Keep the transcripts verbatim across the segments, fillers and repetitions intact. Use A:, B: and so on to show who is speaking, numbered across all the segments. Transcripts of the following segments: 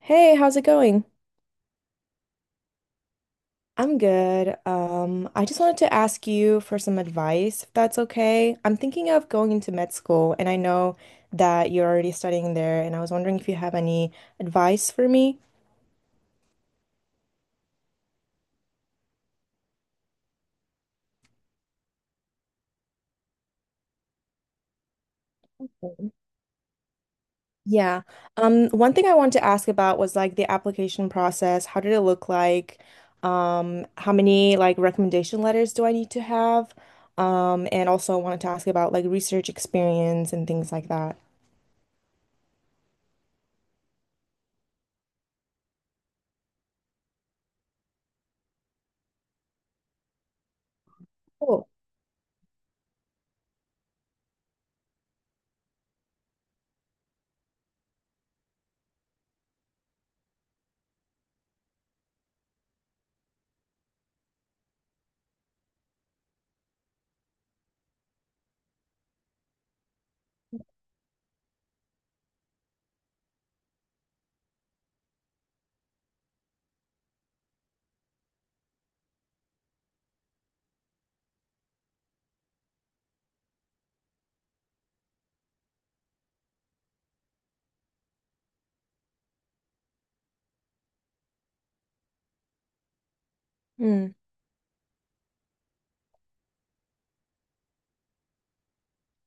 A: Hey, how's it going? I'm good. Um, I just wanted to ask you for some advice, if that's okay. I'm thinking of going into med school, and I know that you're already studying there, and I was wondering if you have any advice for me. Mm. Yeah. Um, one thing I wanted to ask about was like the application process. How did it look like? Um, how many like recommendation letters do I need to have? Um, and also I wanted to ask about like research experience and things like that. Cool.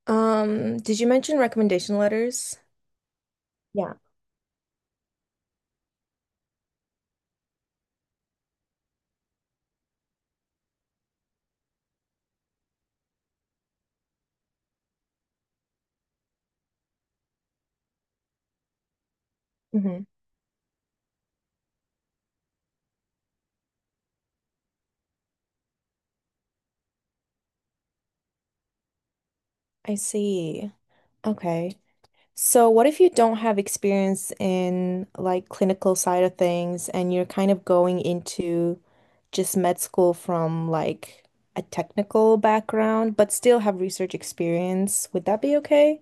A: Um, did you mention recommendation letters? Yeah. Hmm. I see. Okay. So what if you don't have experience in like clinical side of things and you're kind of going into just med school from like a technical background, but still have research experience? Would that be okay?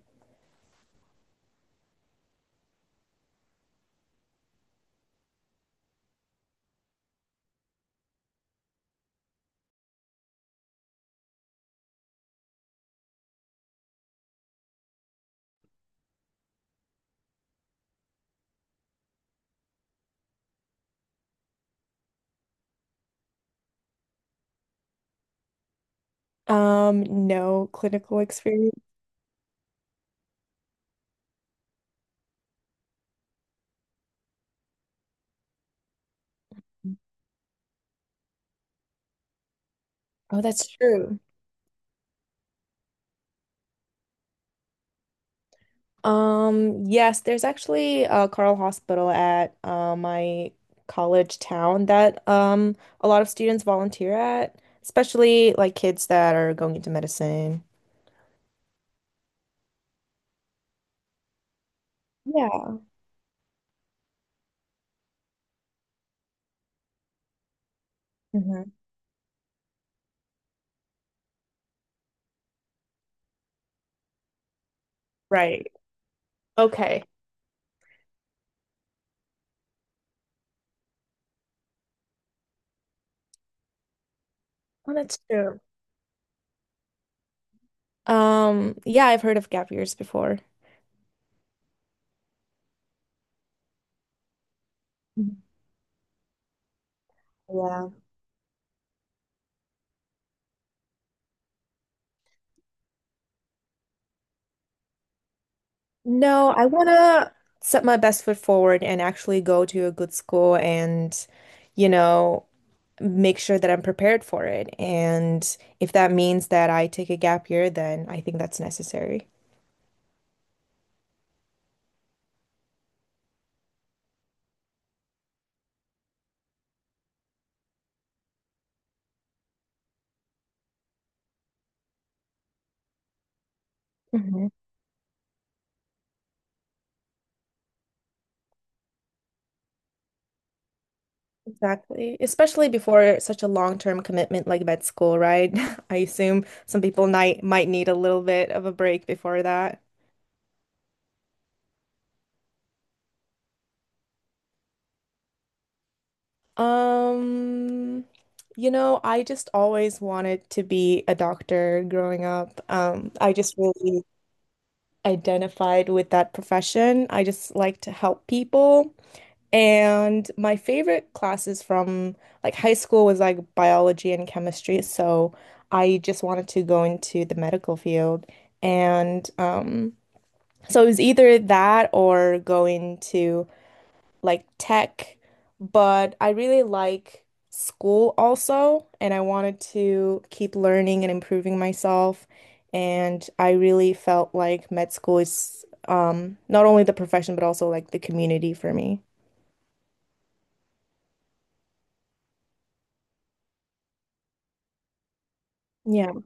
A: Um, no clinical experience. Oh, that's true. Um, yes, there's actually a Carl Hospital at uh, my college town that um a lot of students volunteer at, especially like kids that are going into medicine. Yeah. Hmm. Right. Okay. Well, that's true. Um, yeah, I've heard of gap years before. Mhm. Yeah. No, I want to set my best foot forward and actually go to a good school and, you know, make sure that I'm prepared for it. And if that means that I take a gap year, then I think that's necessary. Mhm. Exactly. Especially before such a long-term commitment like med school, right? I assume some people might might need a little bit of a break before that. Um, you know, I just always wanted to be a doctor growing up. Um, I just really identified with that profession. I just like to help people. And my favorite classes from like high school was like biology and chemistry. So I just wanted to go into the medical field. And um, so it was either that or going to like tech. But I really like school also. And I wanted to keep learning and improving myself. And I really felt like med school is um, not only the profession, but also like the community for me. Yeah.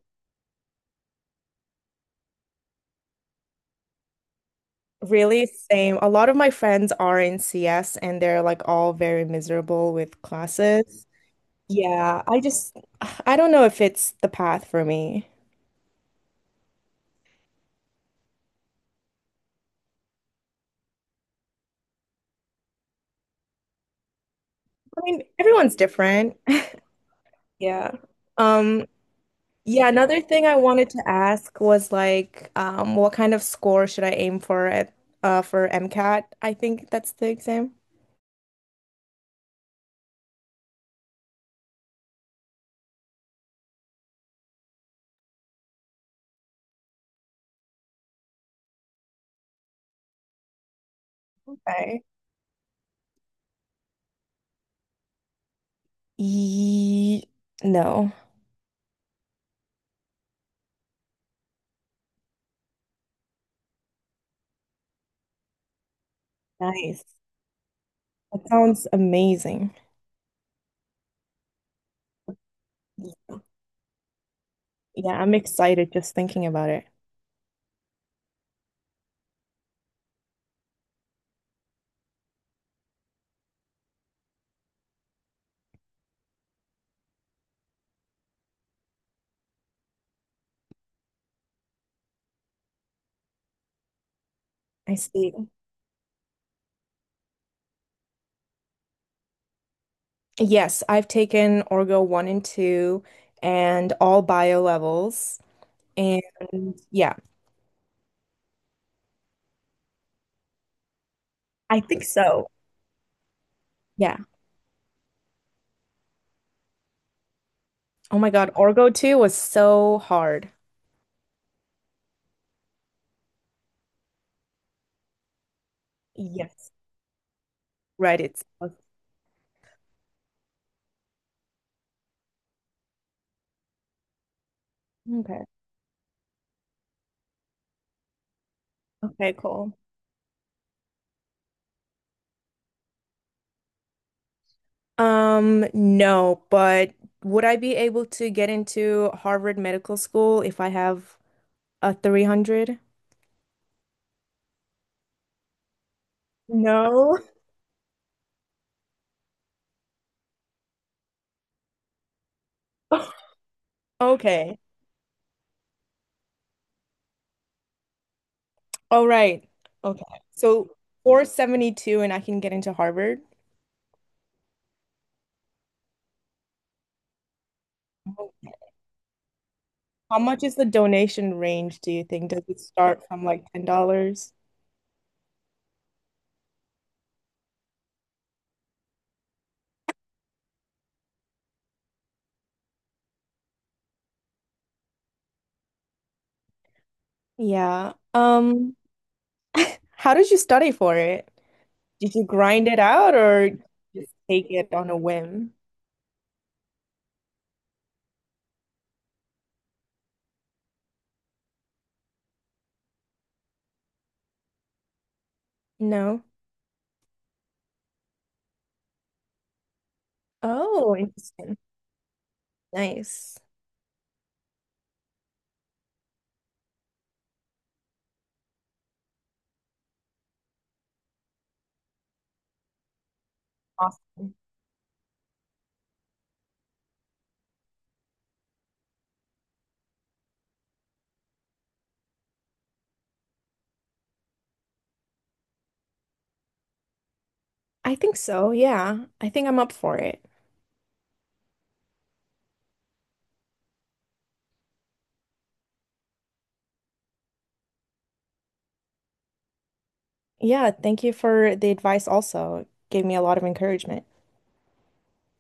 A: Really, same. A lot of my friends are in C S and they're like all very miserable with classes. Yeah, I just, I don't know if it's the path for me. I mean, everyone's different. Yeah. Um, yeah, another thing I wanted to ask was like, um, what kind of score should I aim for at uh for M CAT? I think that's the exam. Okay. Ye no. Nice. That sounds amazing. Yeah, I'm excited just thinking about it. I see. Yes, I've taken Orgo one and two and all bio levels. And yeah, I think so. Yeah. Oh my God, Orgo two was so hard. Yes, right. It's okay. Okay, cool. Um, no, but would I be able to get into Harvard Medical School if I have a three hundred? No. Okay. All right. Okay. So four seventy-two and I can get into Harvard. How much is the donation range, do you think? Does it start from like ten dollars? Yeah. Um, how did you study for it? Did you grind it out or just take it on a whim? No. Oh, interesting. Nice. Awesome. I think so. Yeah. I think I'm up for it. Yeah, thank you for the advice also. It gave me a lot of encouragement.